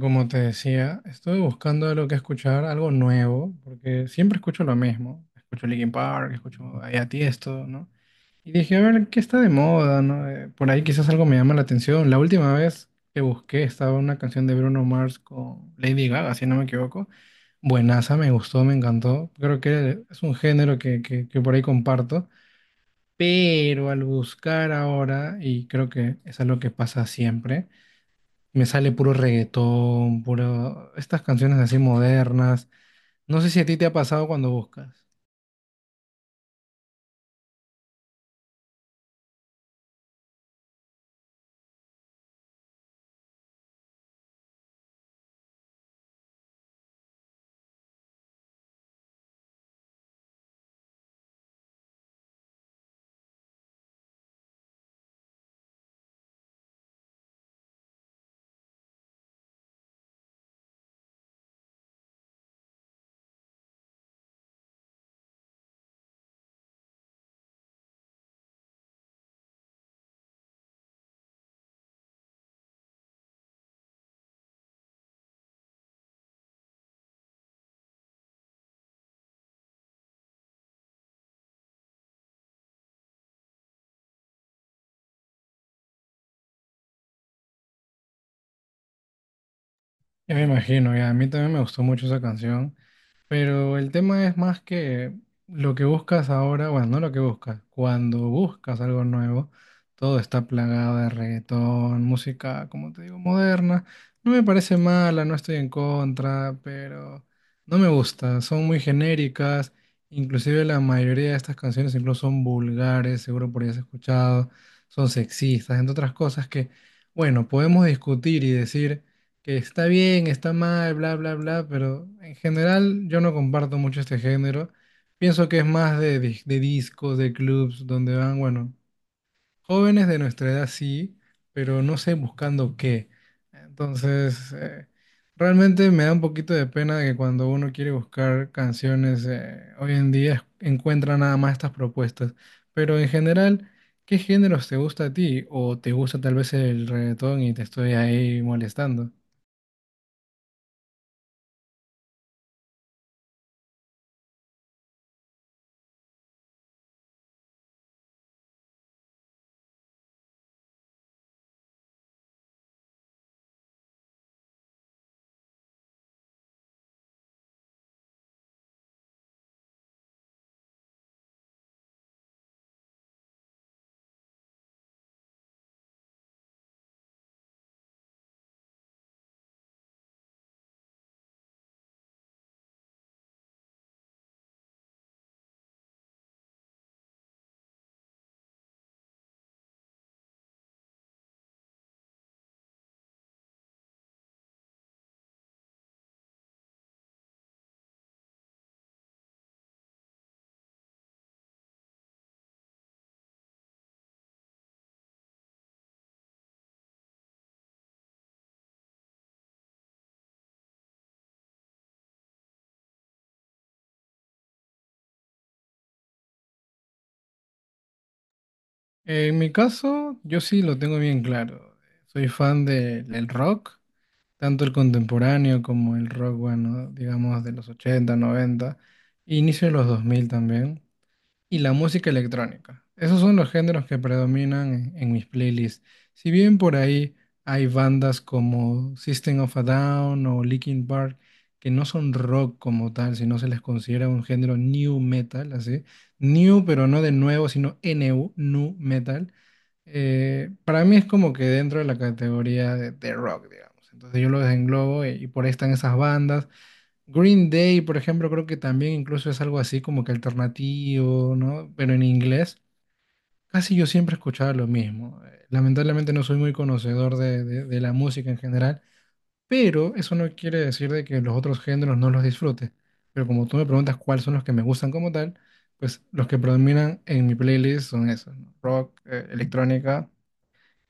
Como te decía, estuve buscando lo que escuchar, algo nuevo, porque siempre escucho lo mismo. Escucho Linkin Park, escucho ahí a Tiesto, ¿no? Y dije, a ver, ¿qué está de moda, no? Por ahí quizás algo me llama la atención. La última vez que busqué estaba una canción de Bruno Mars con Lady Gaga, si no me equivoco. Buenaza, me gustó, me encantó. Creo que es un género que por ahí comparto. Pero al buscar ahora, y creo que es algo que pasa siempre, me sale puro reggaetón, puro... Estas canciones así modernas. No sé si a ti te ha pasado cuando buscas. Ya me imagino, ya. A mí también me gustó mucho esa canción. Pero el tema es más que lo que buscas ahora, bueno, no lo que buscas, cuando buscas algo nuevo, todo está plagado de reggaetón, música, como te digo, moderna. No me parece mala, no estoy en contra, pero no me gusta, son muy genéricas, inclusive la mayoría de estas canciones incluso son vulgares, seguro por ahí has escuchado, son sexistas, entre otras cosas que, bueno, podemos discutir y decir que está bien, está mal, bla, bla, bla, pero en general yo no comparto mucho este género. Pienso que es más de discos, de clubs, donde van, bueno, jóvenes de nuestra edad sí, pero no sé buscando qué. Entonces, realmente me da un poquito de pena de que cuando uno quiere buscar canciones, hoy en día encuentra nada más estas propuestas. Pero en general... ¿Qué géneros te gusta a ti? ¿O te gusta tal vez el reggaetón y te estoy ahí molestando? En mi caso, yo sí lo tengo bien claro. Soy del rock, tanto el contemporáneo como el rock, bueno, digamos de los 80, 90, e inicio de los 2000 también y la música electrónica. Esos son los géneros que predominan en mis playlists. Si bien por ahí hay bandas como System of a Down o Linkin Park que no son rock como tal, sino se les considera un género new metal, así. New, pero no de nuevo, sino NU, nu metal. Para mí es como que dentro de la categoría de rock, digamos. Entonces yo lo desenglobo y por ahí están esas bandas. Green Day, por ejemplo, creo que también incluso es algo así como que alternativo, ¿no? Pero en inglés, casi yo siempre escuchaba lo mismo. Lamentablemente no soy muy conocedor de la música en general, pero eso no quiere decir de que los otros géneros no los disfrute. Pero como tú me preguntas cuáles son los que me gustan como tal, pues los que predominan en mi playlist son esos, ¿no? Rock, electrónica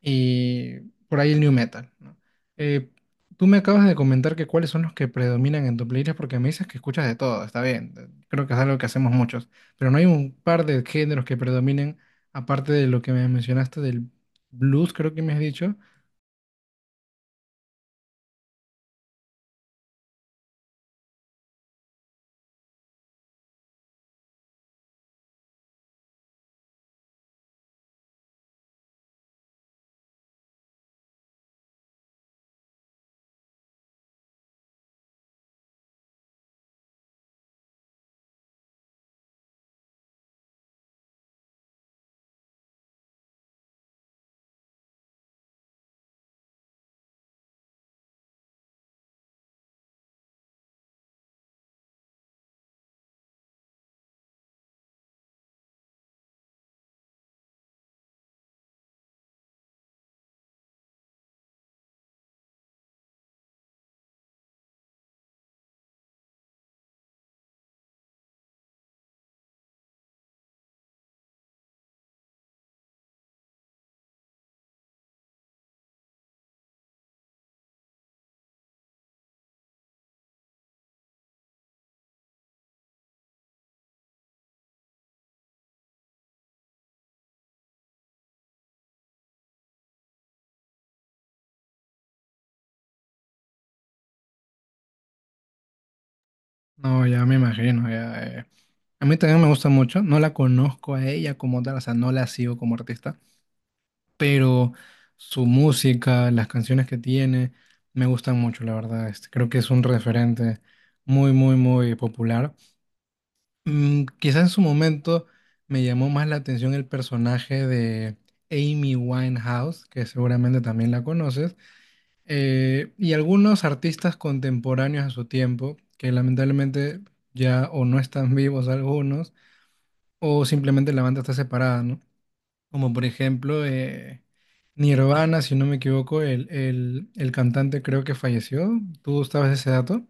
y por ahí el new metal, ¿no? Eh, Tú me acabas de comentar que cuáles son los que predominan en tu playlist porque me dices que escuchas de todo, está bien, creo que es algo que hacemos muchos, pero no hay un par de géneros que predominen aparte de lo que me mencionaste del blues, creo que me has dicho. No, ya me imagino, ya, eh. A mí también me gusta mucho, no la conozco a ella como tal, o sea, no la sigo como artista, pero su música, las canciones que tiene, me gustan mucho, la verdad. Este, creo que es un referente muy, muy, muy popular. Mm, quizá en su momento me llamó más la atención el personaje de Amy Winehouse, que seguramente también la conoces, y algunos artistas contemporáneos a su tiempo, que lamentablemente ya o no están vivos algunos, o simplemente la banda está separada, ¿no? Como por ejemplo Nirvana, si no me equivoco, el cantante creo que falleció. ¿Tú sabes ese dato?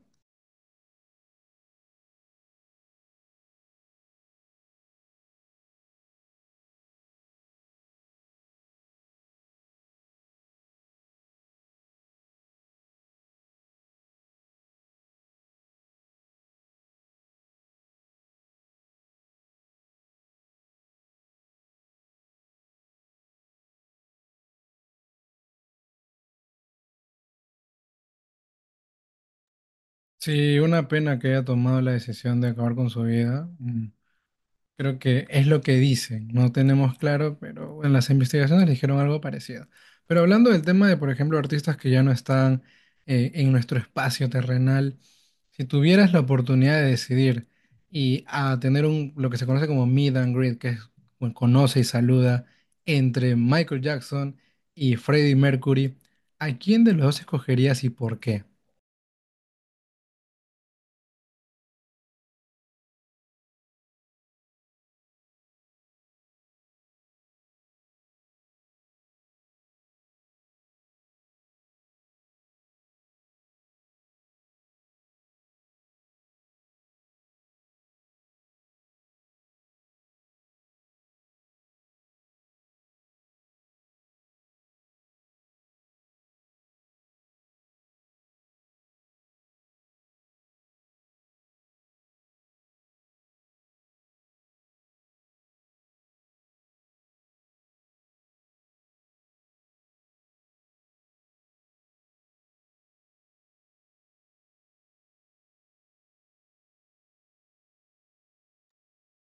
Sí, una pena que haya tomado la decisión de acabar con su vida. Mm. Creo que es lo que dicen, no tenemos claro, pero en las investigaciones dijeron algo parecido. Pero hablando del tema de, por ejemplo, artistas que ya no están en nuestro espacio terrenal, si tuvieras la oportunidad de decidir y a tener un, lo que se conoce como meet and greet, que es bueno, conoce y saluda entre Michael Jackson y Freddie Mercury, ¿a quién de los dos escogerías y por qué?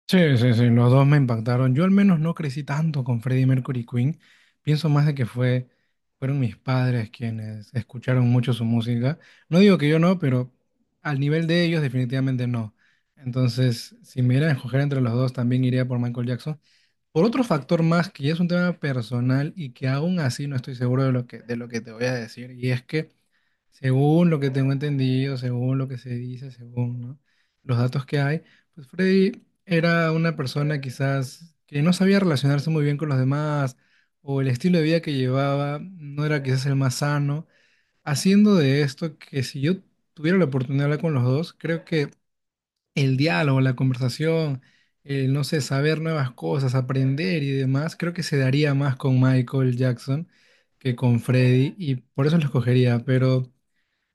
Sí, sí, sí, los dos me impactaron. Yo al menos no crecí tanto con Freddie Mercury y Queen. Pienso más de que fue, fueron mis padres quienes escucharon mucho su música. No digo que yo no, pero al nivel de ellos definitivamente no. Entonces, si me dieran a escoger entre los dos, también iría por Michael Jackson. Por otro factor más, que ya es un tema personal y que aún así no estoy seguro de lo que te voy a decir, y es que según lo que tengo entendido, según lo que se dice, según, ¿no? Los datos que hay, pues Freddy era una persona quizás que no sabía relacionarse muy bien con los demás o el estilo de vida que llevaba no era quizás el más sano, haciendo de esto que si yo tuviera la oportunidad de hablar con los dos, creo que el diálogo, la conversación, el, no sé, saber nuevas cosas, aprender y demás, creo que se daría más con Michael Jackson que con Freddy y por eso lo escogería, pero...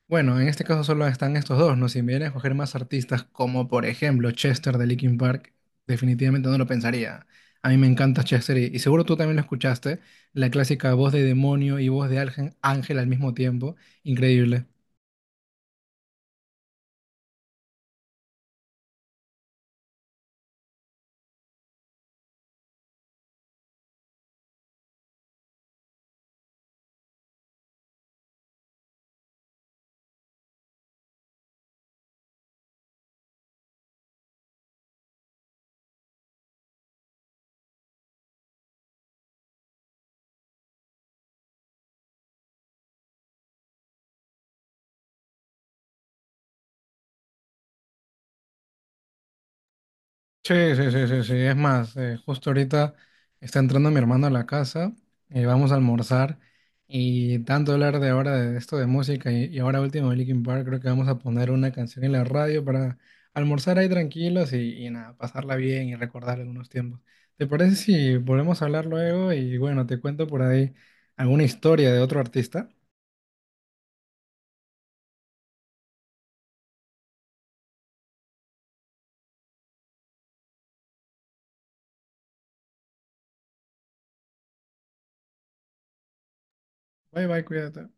Bueno, en este caso solo están estos dos, ¿no? Si me vienen a escoger más artistas, como por ejemplo Chester de Linkin Park, definitivamente no lo pensaría. A mí me encanta Chester y seguro tú también lo escuchaste, la clásica voz de demonio y voz de ángel, ángel al mismo tiempo, increíble. Sí, sí, sí, sí, sí. Es más, justo ahorita está entrando mi hermano a la casa, y vamos a almorzar y tanto hablar de ahora de esto de música y ahora último de Linkin Park, creo que vamos a poner una canción en la radio para almorzar ahí tranquilos y nada, pasarla bien y recordar algunos tiempos. ¿Te parece si volvemos a hablar luego? Y bueno, te cuento por ahí alguna historia de otro artista. Bye, bye, cuídate.